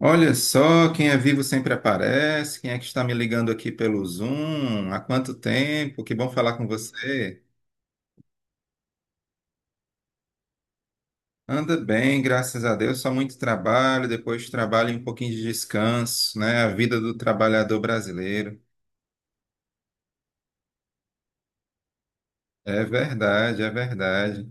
Olha só, quem é vivo sempre aparece. Quem é que está me ligando aqui pelo Zoom? Há quanto tempo? Que bom falar com você. Anda bem, graças a Deus. Só muito trabalho, depois de trabalho e um pouquinho de descanso, né? A vida do trabalhador brasileiro. É verdade, é verdade.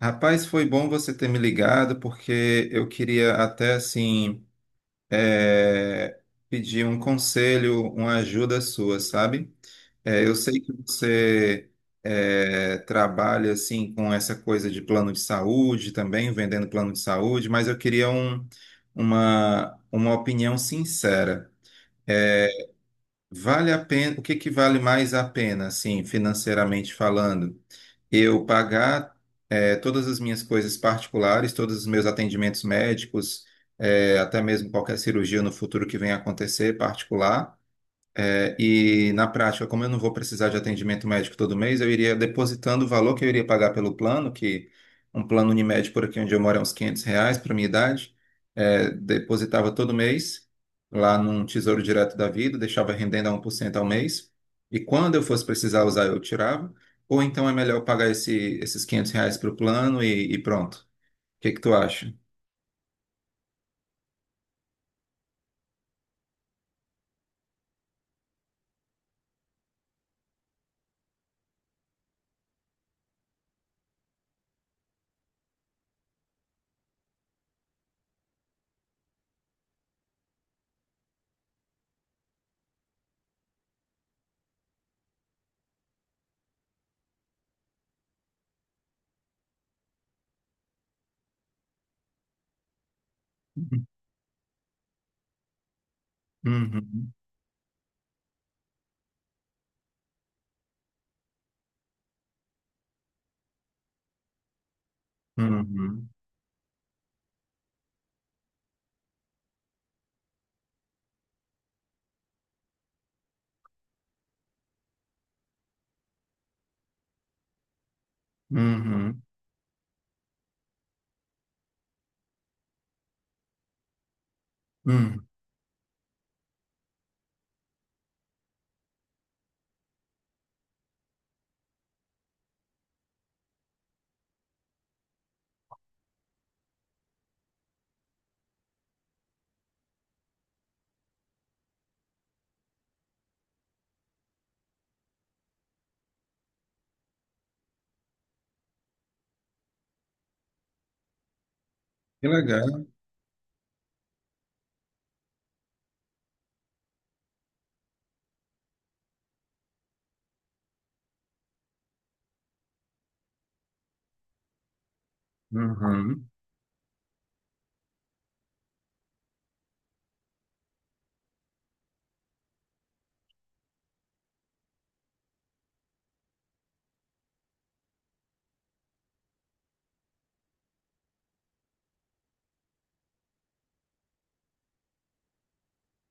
Rapaz, foi bom você ter me ligado, porque eu queria até assim, eh, pedir um conselho, uma ajuda sua, sabe? É, eu sei que você trabalha assim com essa coisa de plano de saúde também, vendendo plano de saúde, mas eu queria uma opinião sincera. É, vale a pena, o que que vale mais a pena, assim, financeiramente falando? Eu pagar todas as minhas coisas particulares, todos os meus atendimentos médicos, até mesmo qualquer cirurgia no futuro que venha a acontecer particular. E na prática, como eu não vou precisar de atendimento médico todo mês, eu iria depositando o valor que eu iria pagar pelo plano, que um plano Unimed por aqui onde eu moro é uns R$ 500 para minha idade. Depositava todo mês lá num Tesouro Direto da Vida, deixava rendendo a 1% ao mês, e quando eu fosse precisar usar, eu tirava, ou então é melhor eu pagar esse, esses R$ 500 para o plano e pronto. O que que tu acha? Uhum, uhum, uhum, uhum. Que legal. Uhum.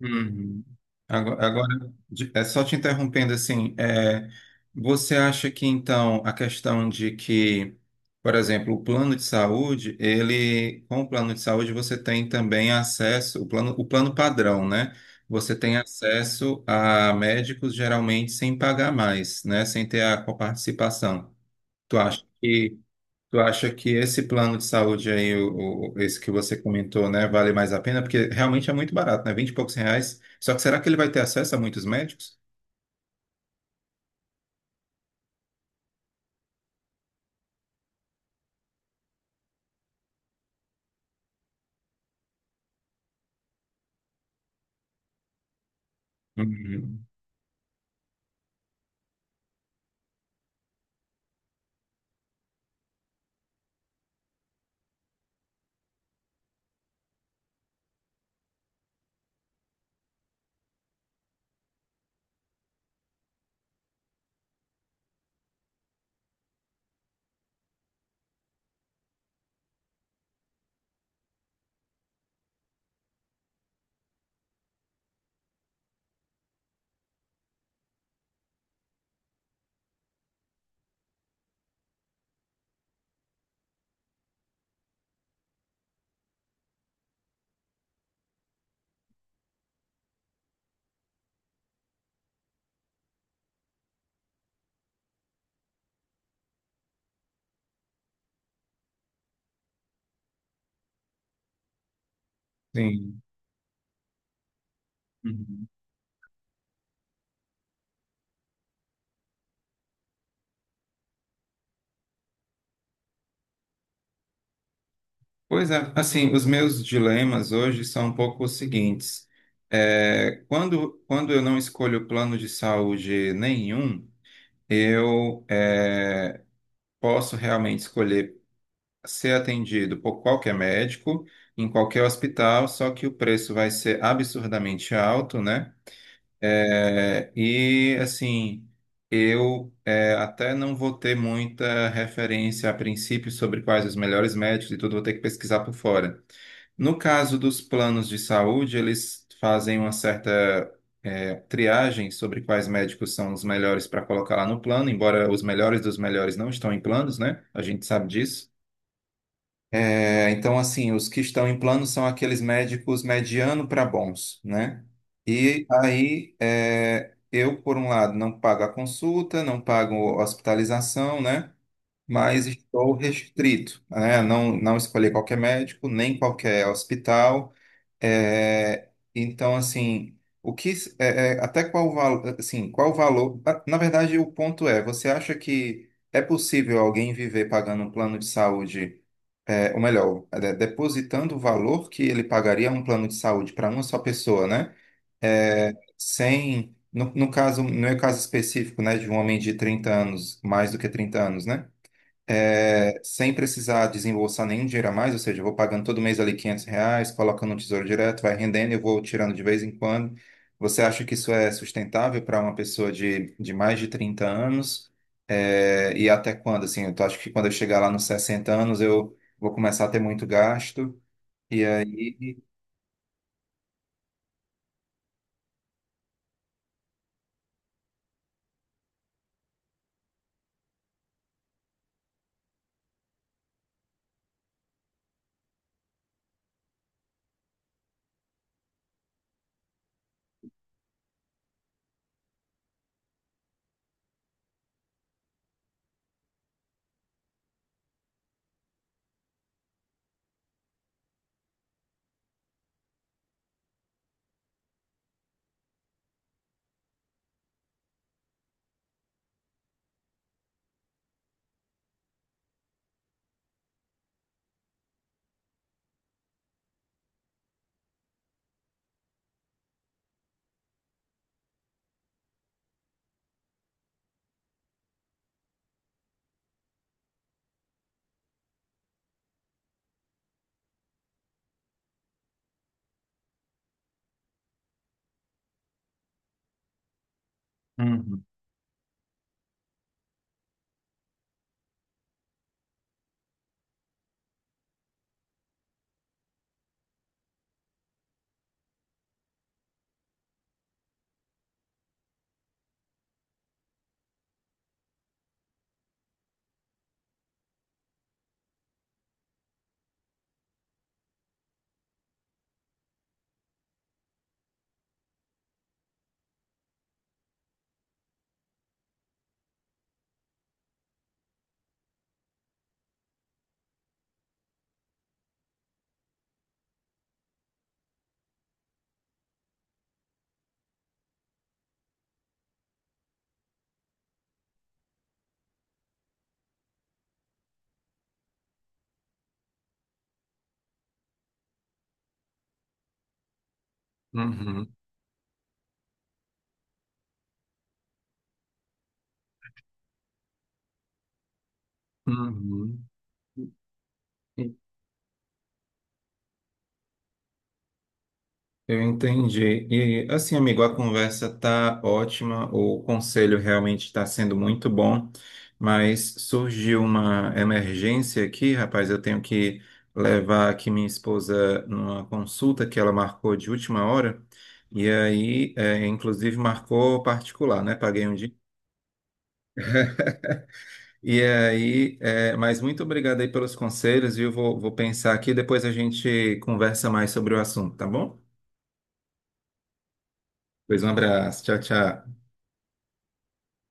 Uhum. Agora, é só te interrompendo assim, você acha que então a questão de que, por exemplo, o plano de saúde, ele, com o plano de saúde você tem também acesso, o plano padrão, né? Você tem acesso a médicos geralmente sem pagar mais, né? Sem ter a coparticipação. Tu acha que Tu acha que esse plano de saúde aí, esse que você comentou, né, vale mais a pena? Porque realmente é muito barato, né? Vinte e poucos reais. Só que será que ele vai ter acesso a muitos médicos? Uhum. Sim. Uhum. Pois é, assim, os meus dilemas hoje são um pouco os seguintes. É, quando eu não escolho plano de saúde nenhum, eu é, posso realmente escolher ser atendido por qualquer médico, em qualquer hospital, só que o preço vai ser absurdamente alto, né? É, e assim, até não vou ter muita referência a princípio sobre quais os melhores médicos e tudo, vou ter que pesquisar por fora. No caso dos planos de saúde, eles fazem uma certa triagem sobre quais médicos são os melhores para colocar lá no plano, embora os melhores dos melhores não estão em planos, né? A gente sabe disso. É, então, assim, os que estão em plano são aqueles médicos mediano para bons, né? E aí, é, eu, por um lado, não pago a consulta, não pago hospitalização, né? Mas estou restrito, né? Não, não escolhi qualquer médico, nem qualquer hospital. É, então, assim, o que até qual valor, assim, qual o valor? Ah, na verdade, o ponto é, você acha que é possível alguém viver pagando um plano de saúde, ou melhor, depositando o valor que ele pagaria a um plano de saúde para uma só pessoa, né? É, sem, no caso, no meu caso específico, né, de um homem de 30 anos, mais do que 30 anos, né? é, sem precisar desembolsar nenhum dinheiro a mais, ou seja, eu vou pagando todo mês ali R$ 500, colocando no Tesouro Direto, vai rendendo, e eu vou tirando de vez em quando. Você acha que isso é sustentável para uma pessoa de mais de 30 anos? É, e até quando? Assim, acho que quando eu chegar lá nos 60 anos, eu vou começar a ter muito gasto, e aí. Uhum, uhum, uhum. Eu entendi. E assim, amigo, a conversa tá ótima, o conselho realmente está sendo muito bom, mas surgiu uma emergência aqui, rapaz. Eu tenho que levar aqui minha esposa numa consulta que ela marcou de última hora, e aí, inclusive, marcou particular, né? Paguei um dia. E aí, mas muito obrigado aí pelos conselhos, viu? Vou pensar aqui, depois a gente conversa mais sobre o assunto, tá bom? Pois um abraço, tchau, tchau.